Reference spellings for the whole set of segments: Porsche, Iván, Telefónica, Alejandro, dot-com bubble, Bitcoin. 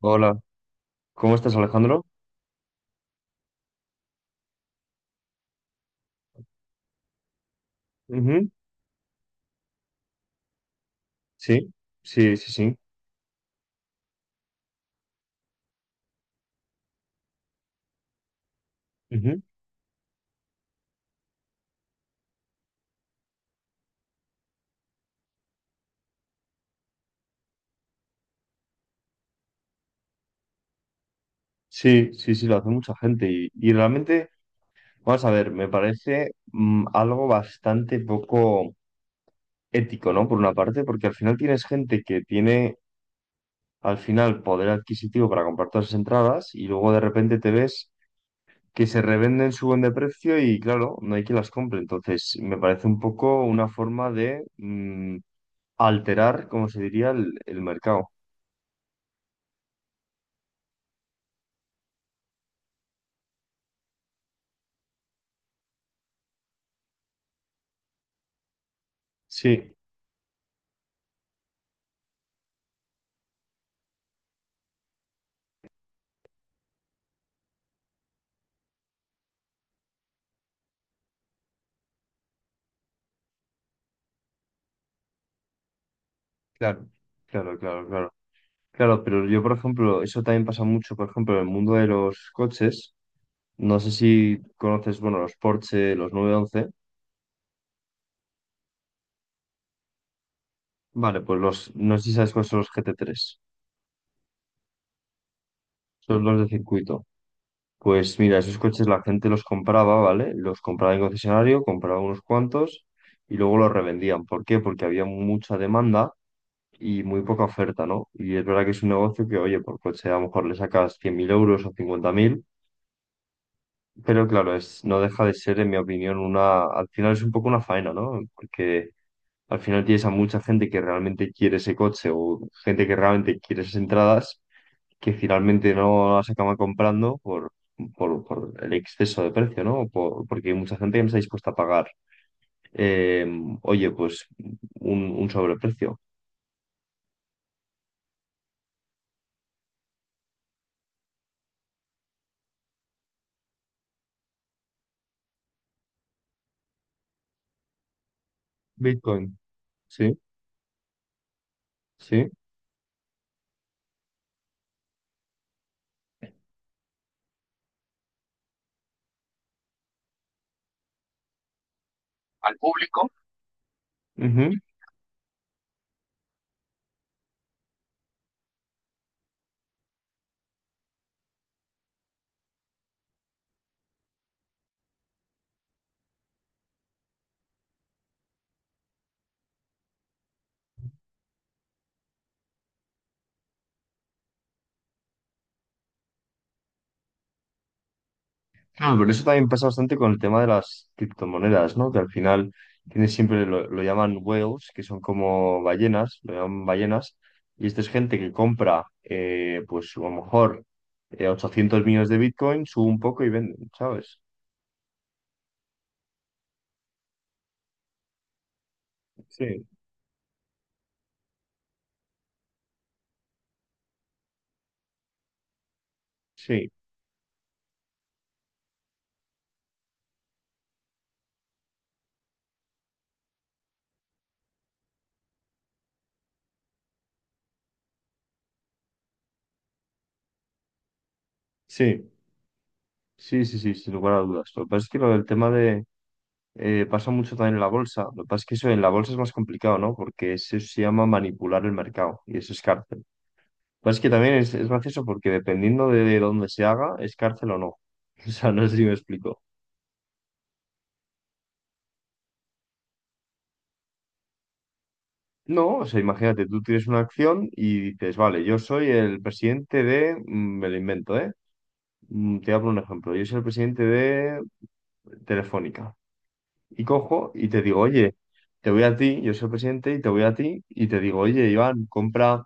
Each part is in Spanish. Hola, ¿cómo estás, Alejandro? Ujú. Sí, sí. Ujú. Sí, sí, sí, lo hace mucha gente. Y realmente, vamos a ver, me parece algo bastante poco ético, ¿no? Por una parte, porque al final tienes gente que tiene al final poder adquisitivo para comprar todas las entradas y luego de repente te ves que se revenden, suben de precio y claro, no hay quien las compre. Entonces, me parece un poco una forma de alterar, como se diría, el mercado. Sí. Claro, claro, claro, claro. Claro, pero yo, por ejemplo, eso también pasa mucho, por ejemplo, en el mundo de los coches. No sé si conoces, bueno, los Porsche, los nueve once. Vale, pues los, no sé si sabes cuáles son los gt tres, son los de circuito. Pues mira, esos coches la gente los compraba, ¿vale? Los compraba en concesionario, compraba unos cuantos y luego los revendían. ¿Por qué? Porque había mucha demanda y muy poca oferta, ¿no? Y es verdad que es un negocio que, oye, por coche a lo mejor le sacas 100.000 euros o 50.000. Pero claro, es, no deja de ser, en mi opinión, una, al final es un poco una faena, ¿no? Porque al final tienes a mucha gente que realmente quiere ese coche o gente que realmente quiere esas entradas que finalmente no las acaba comprando por, por el exceso de precio, ¿no? Por- porque hay mucha gente que no está dispuesta a pagar, eh, oye, pues un sobreprecio. Bitcoin, sí, sí. Claro, pero eso también pasa bastante con el tema de las criptomonedas, ¿no? Que al final tienes siempre, lo llaman whales, que son como ballenas, lo llaman ballenas, y esta es gente que compra, pues a lo mejor 800 millones de Bitcoin, sube un poco y venden, ¿sabes? Sí, sí, sí, sí sin lugar a dudas. Lo que pasa es que lo del tema de… pasa mucho también en la bolsa. Lo que pasa es que eso en la bolsa es más complicado, ¿no? Porque eso se llama manipular el mercado y eso es cárcel. Pues es que también es gracioso porque dependiendo de dónde se haga, es cárcel o no. O sea, no sé si me explico. No, o sea, imagínate, tú tienes una acción y dices, vale, yo soy el presidente de, me lo invento, ¿eh? Te hablo un ejemplo, yo soy el presidente de Telefónica. Y cojo y te digo, oye, te voy a ti, yo soy el presidente y te voy a ti y te digo, oye, Iván, compra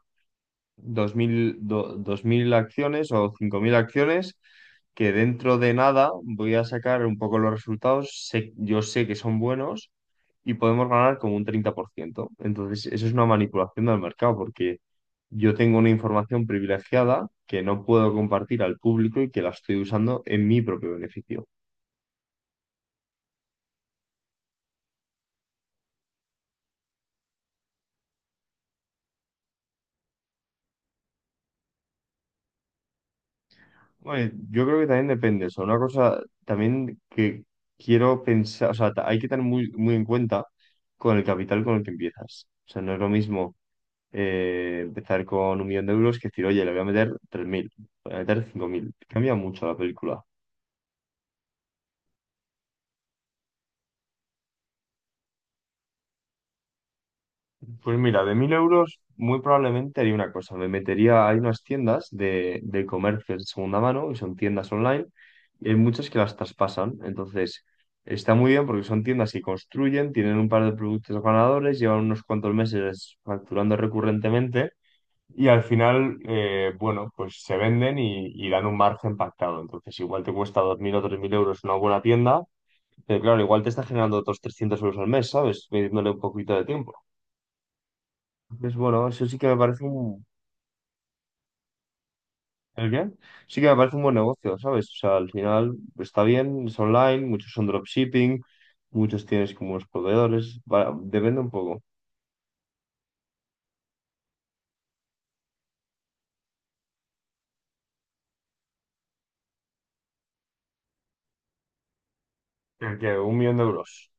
2.000 acciones o 5.000 acciones, que dentro de nada voy a sacar un poco los resultados. Sé- yo sé que son buenos y podemos ganar como un 30%. Entonces, eso es una manipulación del mercado porque yo tengo una información privilegiada que no puedo compartir al público y que la estoy usando en mi propio beneficio. Bueno, yo creo que también depende. O sea, una cosa también que quiero pensar, o sea, ta- hay que tener muy, muy en cuenta con el capital con el que empiezas. O sea, no es lo mismo empezar con un millón de euros que decir, oye, le voy a meter 3.000, le voy a meter 5.000. Cambia mucho la película. Pues mira, de 1.000 euros muy probablemente haría una cosa. Me metería, hay unas tiendas de comercio de segunda mano, y son tiendas online, y hay muchas que las traspasan. Entonces, está muy bien porque son tiendas que construyen, tienen un par de productos ganadores, llevan unos cuantos meses facturando recurrentemente, y al final, bueno, pues se venden y dan un margen pactado. Entonces, igual te cuesta 2.000 o 3.000 euros una buena tienda, pero claro, igual te está generando otros 300 euros al mes, ¿sabes? Metiéndole un poquito de tiempo. Pues bueno, eso sí que me parece un… ¿El qué? Sí que me parece un buen negocio, ¿sabes? O sea, al final está bien, es online, muchos son dropshipping, muchos tienes como unos proveedores, va- depende un poco. ¿El qué? Un millón de euros.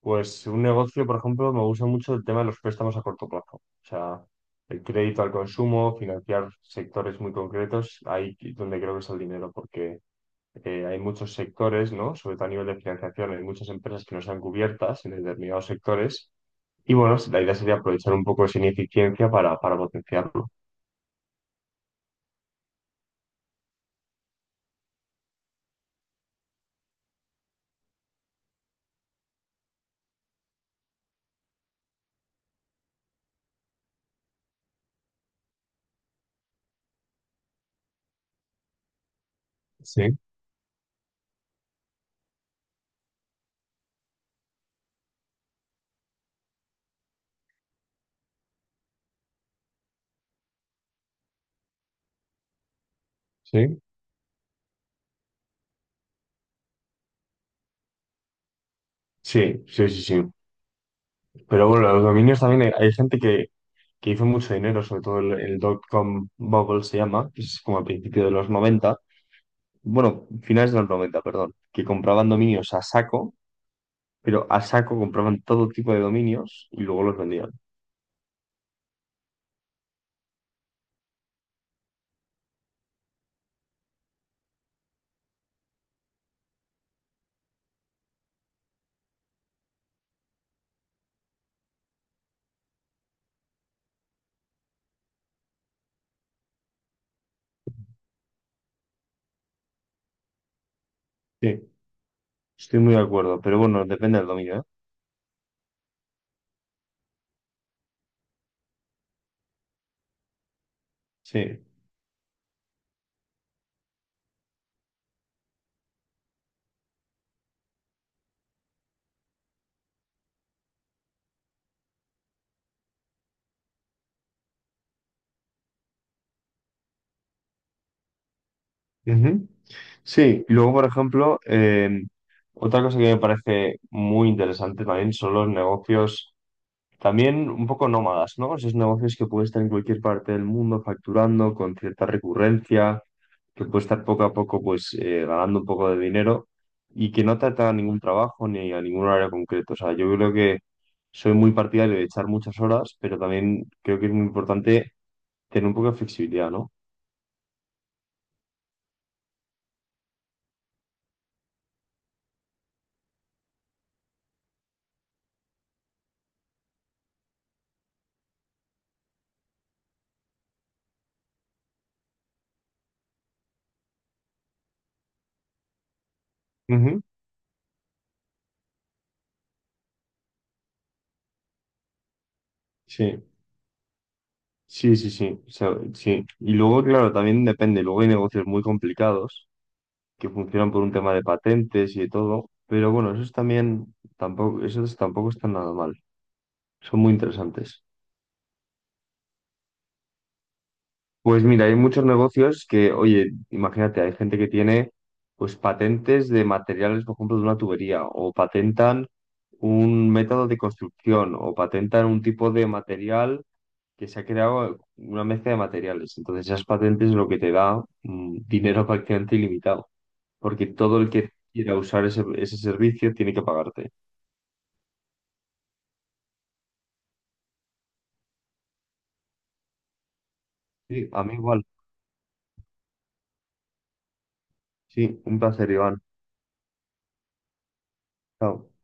Pues un negocio, por ejemplo, me gusta mucho el tema de los préstamos a corto plazo. O sea, el crédito al consumo, financiar sectores muy concretos, ahí es donde creo que está el dinero, porque hay muchos sectores, ¿no? Sobre todo a nivel de financiación, hay muchas empresas que no están cubiertas en determinados sectores. Y bueno, la idea sería aprovechar un poco esa ineficiencia para potenciarlo. Sí, sí. Sí, sí, sí, sí. Pero bueno, los dominios también hay gente que hizo mucho dinero, sobre todo el dot-com bubble se llama, que es como a principio de los noventa, bueno, finales de los 90 perdón, que compraban dominios a saco, pero a saco compraban todo tipo de dominios y luego los vendían. Sí, estoy muy de acuerdo, pero bueno, depende del dominio, ¿eh? Sí. Ujú. Sí, y luego, por ejemplo, otra cosa que me parece muy interesante también son los negocios, también un poco nómadas, ¿no? Esos negocios que pueden estar en cualquier parte del mundo facturando con cierta recurrencia, que puede estar poco a poco pues ganando un poco de dinero y que no te atan a ningún trabajo ni a ningún área concreto. O sea, yo creo que soy muy partidario de echar muchas horas, pero también creo que es muy importante tener un poco de flexibilidad, ¿no? Ujú. Sí. Sí, sí, sí, o sea, sí. Y luego, claro, también depende. Luego hay negocios muy complicados que funcionan por un tema de patentes y de todo. Pero bueno, esos también tampoco, esos tampoco están nada mal. Son muy interesantes. Pues mira, hay muchos negocios que, oye, imagínate, hay gente que tiene pues patentes de materiales, por ejemplo, de una tubería, o patentan un método de construcción, o patentan un tipo de material que se ha creado una mezcla de materiales. Entonces, esas patentes es lo que te da dinero prácticamente ilimitado, porque todo el que quiera usar ese, ese servicio tiene que pagarte. Sí, a mí igual. Sí, un placer, Iván. Chao.